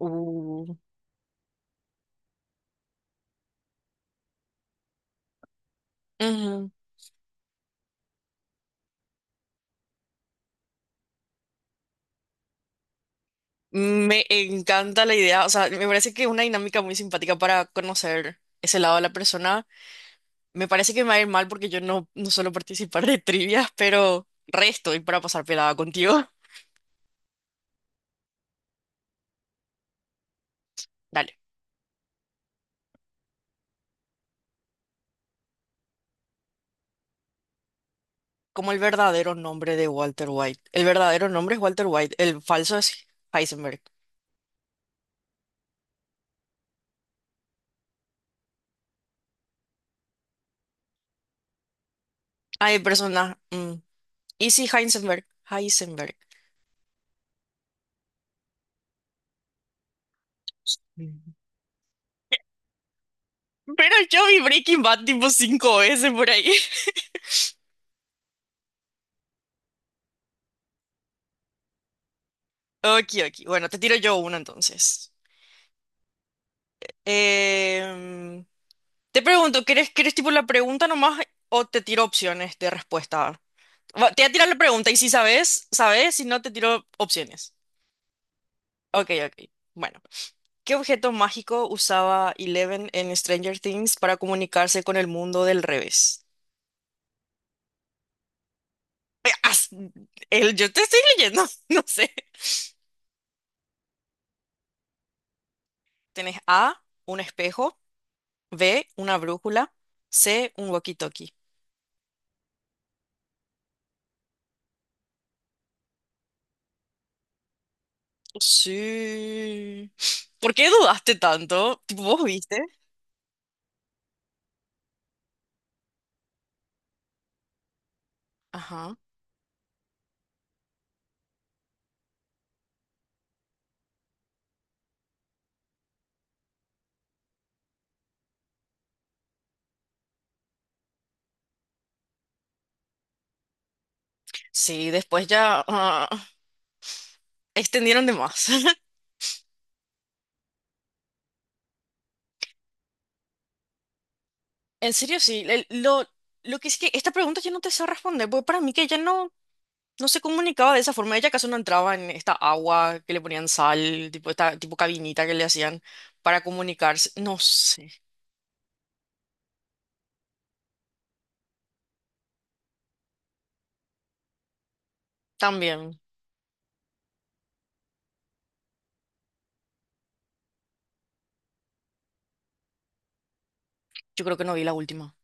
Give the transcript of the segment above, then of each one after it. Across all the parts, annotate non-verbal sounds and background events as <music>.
Uh, Ujú. Me encanta la idea, o sea, me parece que es una dinámica muy simpática para conocer ese lado de la persona. Me parece que me va a ir mal porque yo no, no suelo participar de trivias, pero resto y para pasar pelada contigo. <laughs> Dale. Como el verdadero nombre de Walter White. El verdadero nombre es Walter White, el falso es Heisenberg. Ay, persona. ¿Y si Heisenberg? Heisenberg. Mm. Pero yo vi Breaking Bad tipo cinco veces por ahí. <laughs> Ok, ok. Bueno, te tiro yo una entonces. Em, Te pregunto, ¿quieres tipo la pregunta nomás o te tiro opciones de respuesta? Va, te voy a tirar la pregunta y si sabes, sabes, si no te tiro opciones. Ok, ok. Bueno, ¿qué objeto mágico usaba Eleven en Stranger Things para comunicarse con el mundo del revés? Eh, as- yo te estoy leyendo, <laughs> no sé. Tenés A, un espejo, B, una brújula, C, un walkie-talkie. Sí. ¿Por qué dudaste tanto? Tipo, ¿vos viste? Ajá. Sí, después ya extendieron de más. <laughs> En serio, sí. Lo que es que esta pregunta yo no te sé responder, porque para mí que ella no, no se comunicaba de esa forma. Ella acaso no entraba en esta agua que le ponían sal, tipo esta tipo cabinita que le hacían para comunicarse. No sé. También, yo creo que no vi la última.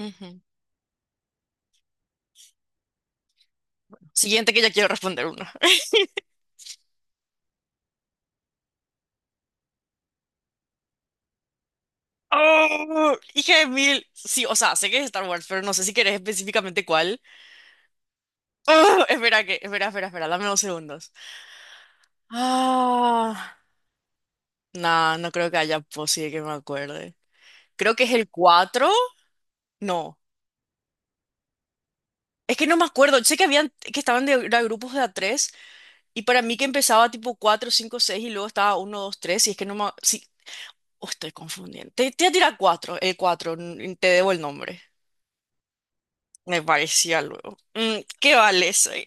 Ujú. Siguiente que ya quiero responder una. <laughs> ¡Oh! Hija de mil. Sí, o sea, sé que es Star Wars, pero no sé si querés específicamente cuál. <laughs> ¡Oh! Espera que, espera, espera, espera, dame 2 segundos. Ah, no, no creo que haya posible que me acuerde. Creo que es el 4. No, es que no me acuerdo. Sé que habían, que estaban de, era grupos de A3 y para mí que empezaba tipo 4, 5, 6 y luego estaba uno, 2, 3 y es que no me... Sí, oh, estoy confundiendo. Te voy a tirar 4, el 4. Te debo el nombre. Me parecía luego. ¿Qué vale soy?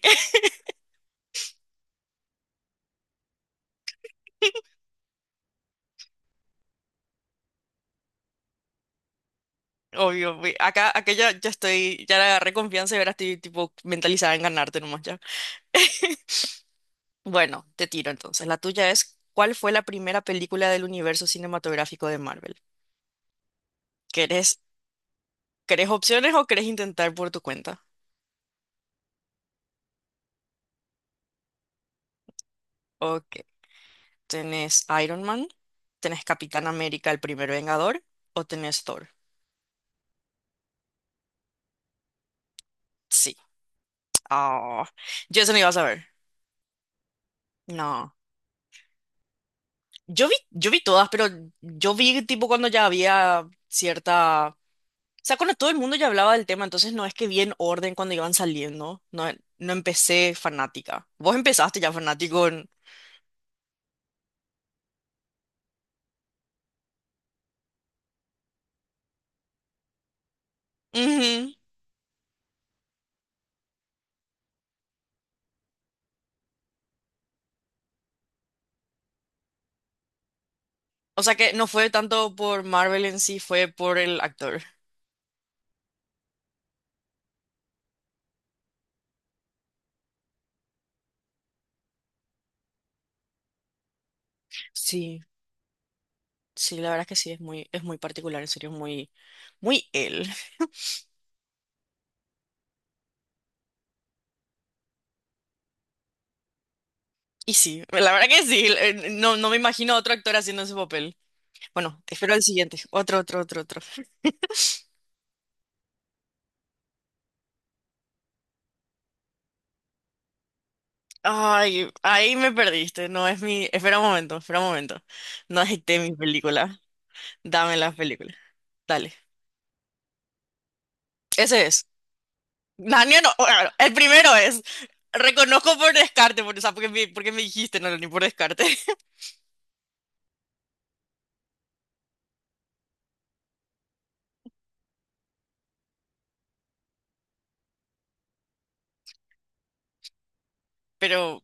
<laughs> Obvio, acá ya, ya estoy, ya le agarré confianza y ahora estoy tipo mentalizada en ganarte nomás ya. Bueno, te tiro entonces. La tuya es, ¿cuál fue la primera película del universo cinematográfico de Marvel? ¿Querés, querés opciones o querés intentar por tu cuenta? Ok, ¿tenés Iron Man? ¿Tenés Capitán América, el primer Vengador? ¿O tenés Thor? Sí. Ah, yo eso no iba a saber. No. Yo vi todas, pero yo vi tipo cuando ya había cierta... O sea, cuando todo el mundo ya hablaba del tema, entonces no es que vi en orden cuando iban saliendo. No, no empecé fanática. Vos empezaste ya fanático. Ujú. O sea que no fue tanto por Marvel en sí, fue por el actor. Sí, sí, la verdad que sí, es muy particular, en serio, es muy, muy él. <laughs> Y sí, la verdad que sí, no, no me imagino a otro actor haciendo ese papel. Bueno, espero el siguiente. Otro, otro, otro, otro. <laughs> Ay, ahí me perdiste, no es mi... Espera un momento, espera un momento. No acepté mi película. Dame las películas. Dale. Ese es. Daniel, no, bueno, el primero es. Reconozco por descarte, por, o sea, porque me dijiste, no, ni por descarte. <laughs> Pero,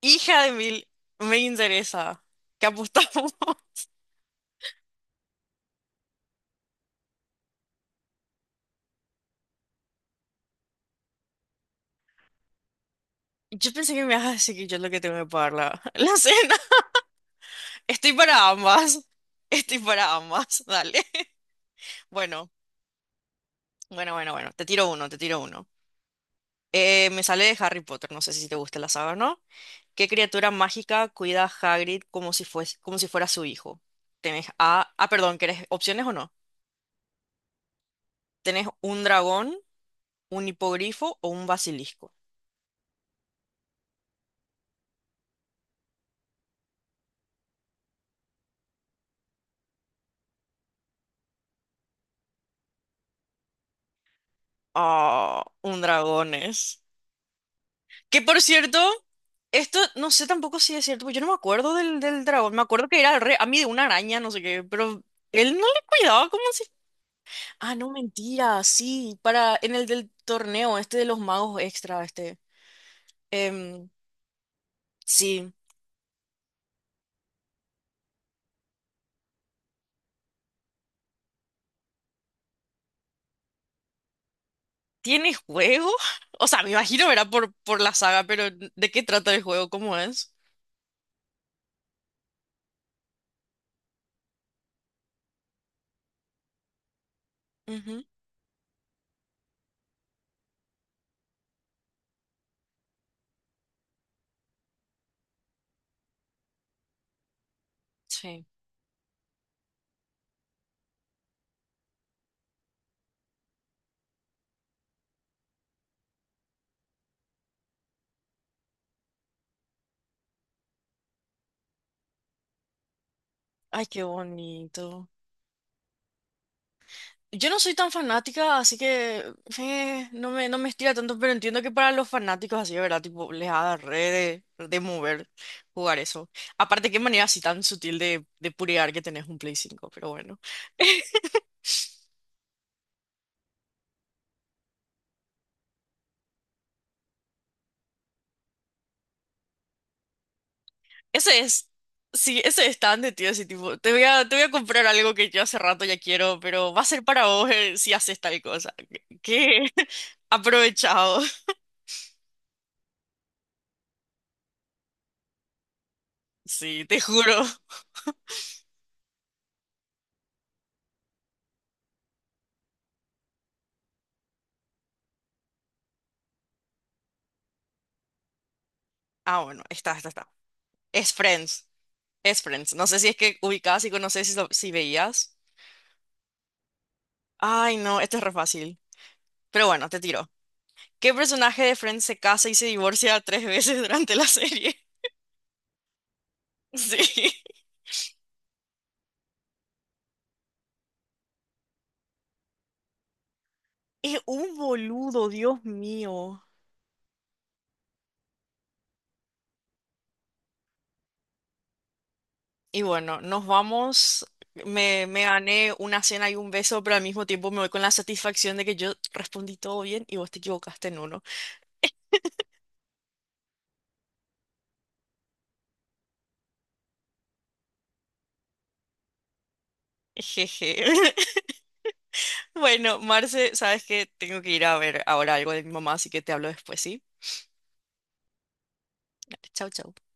hija de mil, me interesa. ¿Qué apostamos? <laughs> Yo pensé que me ibas a decir que yo es lo que tengo que pagar la cena. <laughs> Estoy para ambas. Estoy para ambas. Dale. <laughs> Bueno, bueno, bueno, bueno. Te tiro uno, te tiro uno. Me sale de Harry Potter. No sé si te gusta la saga, o ¿no? ¿Qué criatura mágica cuida a Hagrid como si fuese, como si fuera su hijo? Tenés a... Ah, perdón, ¿querés opciones o no? Tenés un dragón, un hipogrifo o un basilisco. Ah, un dragón es. Que por cierto, esto no sé tampoco si es cierto, porque yo no me acuerdo del dragón. Me acuerdo que era re a mí de una araña, no sé qué, pero él no le cuidaba como si. Ah, no, mentira, sí, para en el del torneo, este de los magos extra, este. Em, sí. ¿Tiene juego? <laughs> O sea, me imagino, verá por la saga, pero ¿de qué trata el juego? ¿Cómo es? Ujú, sí. Ay, qué bonito. Yo no soy tan fanática, así que no me estira tanto, pero entiendo que para los fanáticos así, de ¿verdad? Tipo, les ha re de mover jugar eso. Aparte, qué manera así tan sutil de purear que tenés un Play 5 pero bueno. <laughs> Ese es, sí, ese es tan de tío, así tipo, te voy a comprar algo que yo hace rato ya quiero, pero va a ser para vos si haces tal cosa. ¿Qué? <laughs> Aprovechado. Sí, te juro. Ah, bueno, está, está, está. Es Friends. Es Friends. No sé si es que ubicabas y conoces si, si veías. Ay, no, esto es re fácil. Pero bueno, te tiro. ¿Qué personaje de Friends se casa y se divorcia tres veces <laughs> durante la serie? <laughs> Sí. Es un boludo, Dios mío. Y bueno, nos vamos. Me gané una cena y un beso, pero al mismo tiempo me voy con la satisfacción de que yo respondí todo bien y vos te equivocaste en uno. Jeje. <laughs> Bueno, Marce, sabes que tengo que ir a ver ahora algo de mi mamá, así que te hablo después, ¿sí? Chau, chau.